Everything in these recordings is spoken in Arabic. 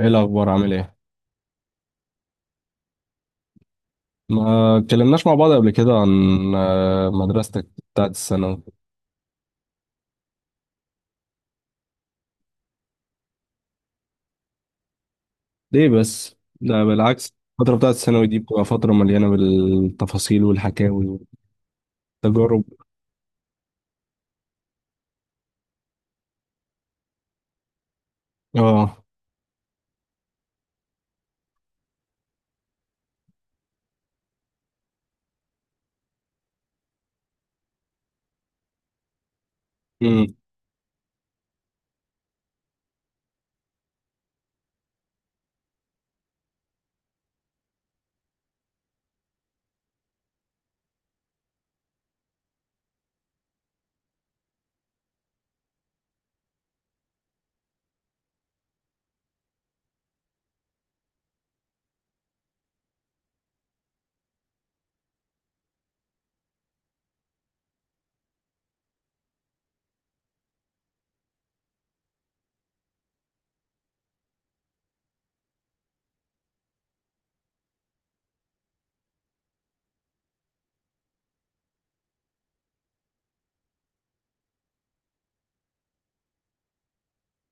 ايه الاخبار؟ عامل ايه؟ ما اتكلمناش مع بعض قبل كده عن مدرستك بتاعت الثانوي؟ ليه بس، ده بالعكس. الفتره بتاعت الثانوي دي بتبقى فتره مليانه بالتفاصيل والحكاوي والتجارب. اه. امم.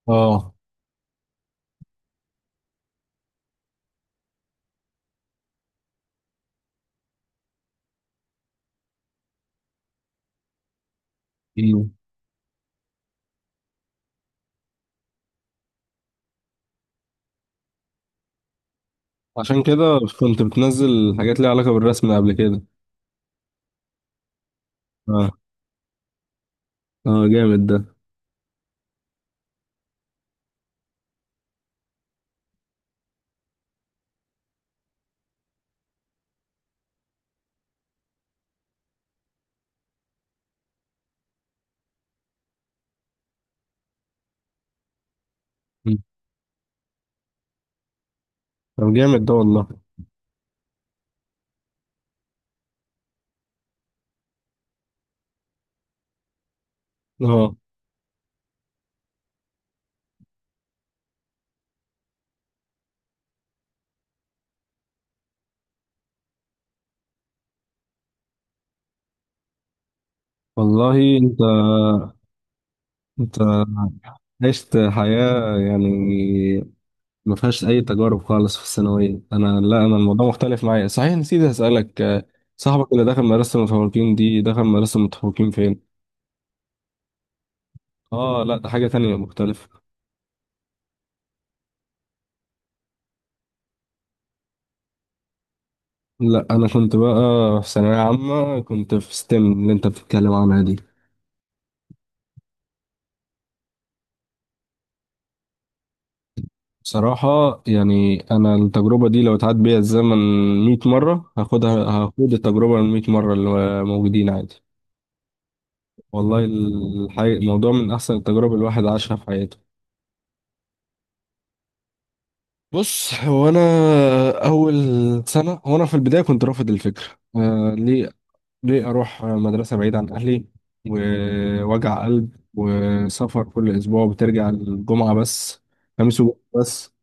اه. امم. عشان كده كنت بتنزل حاجات ليها علاقه بالرسم قبل كده؟ اه. اه، جامد ده. مم. طب جامد ده والله. اه والله. انت انت عشت حياه يعني ما فيهاش اي تجارب خالص في الثانويه. انا، لا، انا الموضوع مختلف معايا. صحيح، نسيت اسالك. صاحبك اللي دخل مدرسه المتفوقين دي، دخل مدرسه المتفوقين فين؟ اه، لا، ده حاجه تانية مختلفه. لا، انا كنت بقى في ثانويه عامه، كنت في ستيم اللي انت بتتكلم عنها دي. بصراحه يعني انا التجربه دي لو اتعاد بيها الزمن 100 مره هاخدها، هاخد التجربه ال 100 مره اللي موجودين عادي. والله الحقيقة الموضوع من احسن التجارب الواحد عاشها في حياته. بص، هو انا اول سنه، هو انا في البدايه كنت رافض الفكره. ليه؟ ليه اروح مدرسه بعيد عن اهلي، ووجع قلب، وسفر كل اسبوع، وبترجع الجمعه بس، خميس وجمعه بس،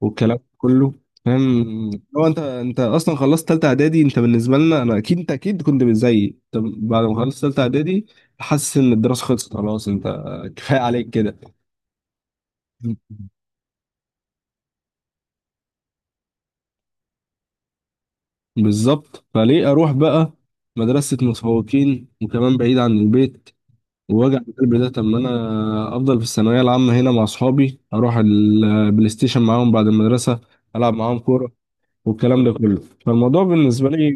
والكلام كله؟ فاهم؟ لو انت اصلا خلصت ثالثه اعدادي، انت بالنسبه لنا، انا اكيد انت اكيد كنت زيي. انت بعد ما خلصت ثالثه اعدادي، حاسس ان الدراسه خلصت خلاص، انت كفايه عليك، كده. بالظبط. فليه اروح بقى مدرسة متفوقين، وكمان بعيد عن البيت ووجع القلب ده؟ طب ما انا افضل في الثانوية العامة هنا مع اصحابي، اروح البلاي ستيشن معاهم بعد المدرسة، العب معاهم كورة، والكلام ده كله. فالموضوع بالنسبة لي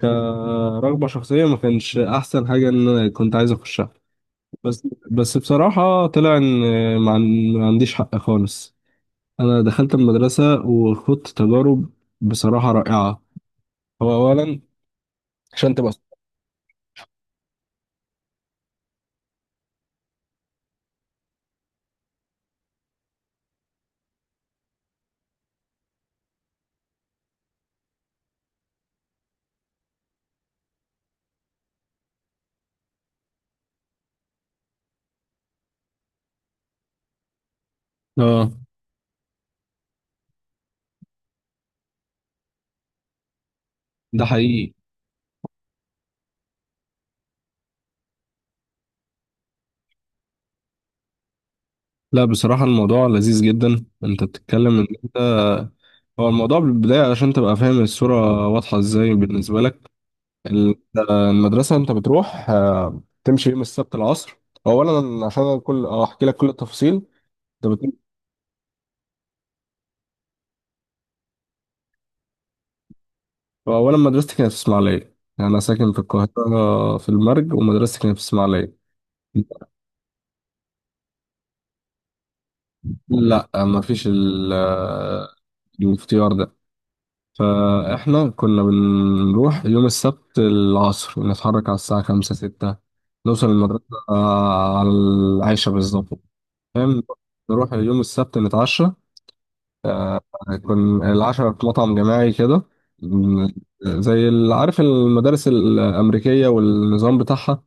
كرغبة شخصية ما كانش احسن حاجة ان انا كنت عايز اخشها. بس بس بصراحة طلع ان ما عنديش حق خالص. انا دخلت المدرسة وخدت تجارب بصراحة رائعة. هو اولا، عشان تبقى… اه، ده حقيقي. لا، بصراحة الموضوع لذيذ جدا. انت بتتكلم ان انت… هو الموضوع بالبداية، علشان تبقى فاهم الصورة واضحة ازاي بالنسبة لك، ال- المدرسة، انت بتروح تمشي يوم السبت العصر. اولا، عشان كل اه احكي لك كل التفاصيل، انت بت- اولا مدرستي كانت في اسماعيلية. يعني انا ساكن في القاهرة في المرج، ومدرستي كانت في اسماعيلية. لا، ما فيش الاختيار ده. فاحنا كنا بنروح يوم السبت العصر، ونتحرك على الساعة خمسة ستة، نوصل المدرسة على العاشرة بالظبط. فاهم؟ نروح يوم السبت، نتعشى. كان العشاء في مطعم جماعي كده، م- زي عارف المدارس الأمريكية والنظام بتاعها.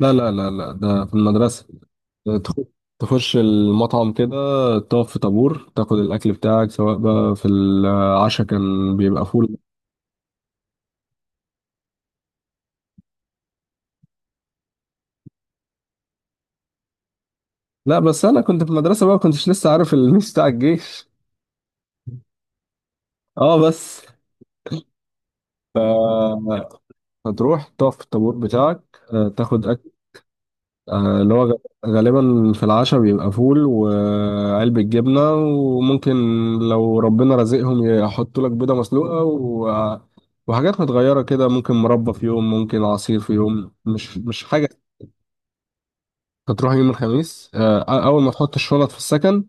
لا لا لا لا، ده في المدرسة. تخ- تخش المطعم كده، تقف في طابور، تاخد الأكل بتاعك. سواء بقى في العشاء كان بيبقى فول. لا، بس انا كنت في المدرسه بقى، كنتش لسه عارف الميس بتاع الجيش. اه بس. هتروح تقف في الطابور بتاعك، تاخد اكل، آه، اللي هو غ- غالبا في العشاء بيبقى فول وعلبة جبنة، وممكن لو ربنا رزقهم يحطوا لك بيضة مسلوقة، وحاجات متغيرة كده. ممكن مربى في يوم، ممكن عصير في يوم. مش حاجة. تروح يوم الخميس، أول ما تحط الشنط في السكن،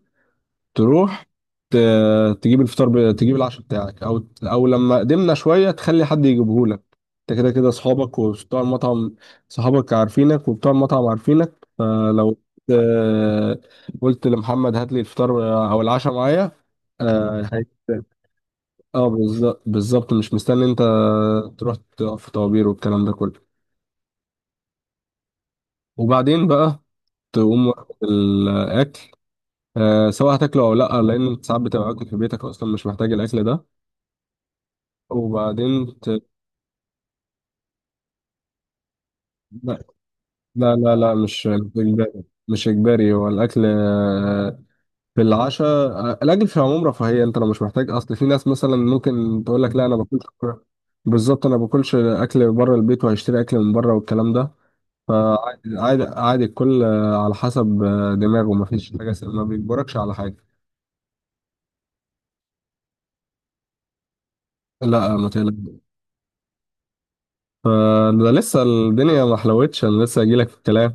تروح ت- تجيب العشاء بتاعك، او لما قدمنا شويه تخلي حد يجيبه لك. انت كده كده اصحابك وبتوع المطعم، صحابك عارفينك وبتوع المطعم عارفينك، فلو آه، قلت لمحمد هات لي الفطار او العشاء معايا… اه هي- بالظبط، بالظبط. مش مستني انت تروح تقف في طوابير والكلام ده كله. وبعدين بقى تقوم واخد الاكل، سواء هتاكله او لا، لان انت ساعات بتبقى اكل في بيتك اصلا، مش محتاج الاكل ده. وبعدين ت... لا لا لا لا، مش إجباري، مش إجباري. هو الأكل في العشاء، الأكل في العموم رفاهية. أنت لو مش محتاج، أصل في ناس مثلا ممكن تقول لك لا، أنا باكلش. بالظبط. أنا باكلش أكل بره البيت، وهشتري أكل من بره والكلام ده. فعادي، عادي، عادي. الكل على حسب دماغه. مفيش حاجة ما بيجبركش على حاجة. لا، ما تقلقش. فده لسه الدنيا ما حلوتش، أنا لسه هجيلك في الكلام.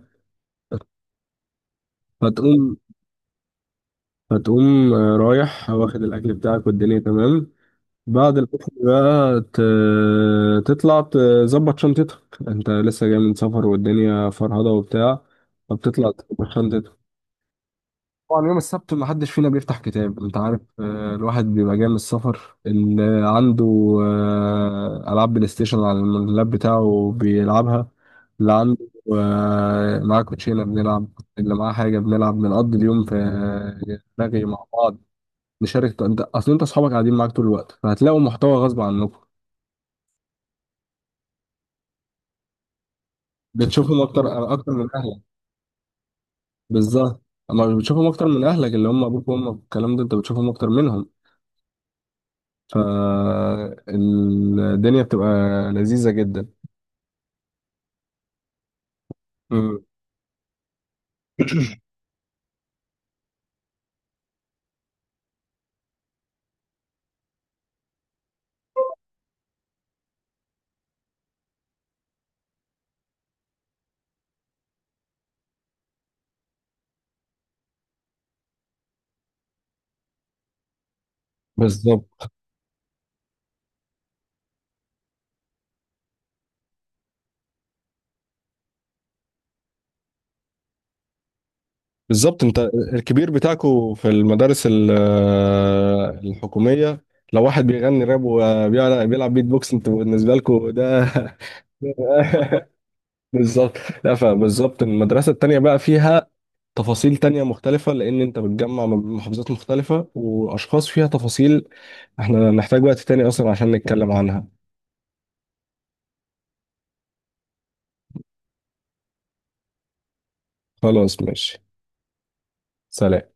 فتقوم فتقوم رايح واخد الأكل بتاعك والدنيا تمام. بعد الأكل بقى تطلع تظبط شنطتك. انت لسه جاي من سفر والدنيا فرهضة وبتاع. فبتطلع تظبط شنطتك. طبعا يوم السبت ما حدش فينا بيفتح كتاب، انت عارف، الواحد بيبقى جاي من السفر. اللي عنده ألعاب بلاي ستيشن على اللاب بتاعه بيلعبها. اللي عنده معاه كوتشينة بنلعب. اللي معاه حاجة بنلعب. بنقضي اليوم في رغي مع بعض، نشارك. انت، اصل انت اصحابك قاعدين معاك طول الوقت، فهتلاقوا محتوى غصب عنكم. بتشوفهم اكتر اكتر من اهلك. بالظبط. اما مش بتشوفهم اكتر من اهلك اللي هم ابوك وامك والكلام ده، انت بتشوفهم اكتر منهم. فالدنيا بتبقى لذيذة جدا. مم. بالظبط، بالظبط. انت الكبير بتاعكو في المدارس الحكومية لو واحد بيغني راب وبيلعب بيت بوكس، انتوا بالنسبة لكو ده… بالظبط. لا، فبالظبط المدرسة التانية بقى فيها تفاصيل تانية مختلفة، لأن أنت بتجمع من محافظات مختلفة، وأشخاص فيها تفاصيل إحنا نحتاج وقت تاني أصلا عشان نتكلم عنها. خلاص، ماشي. سلام.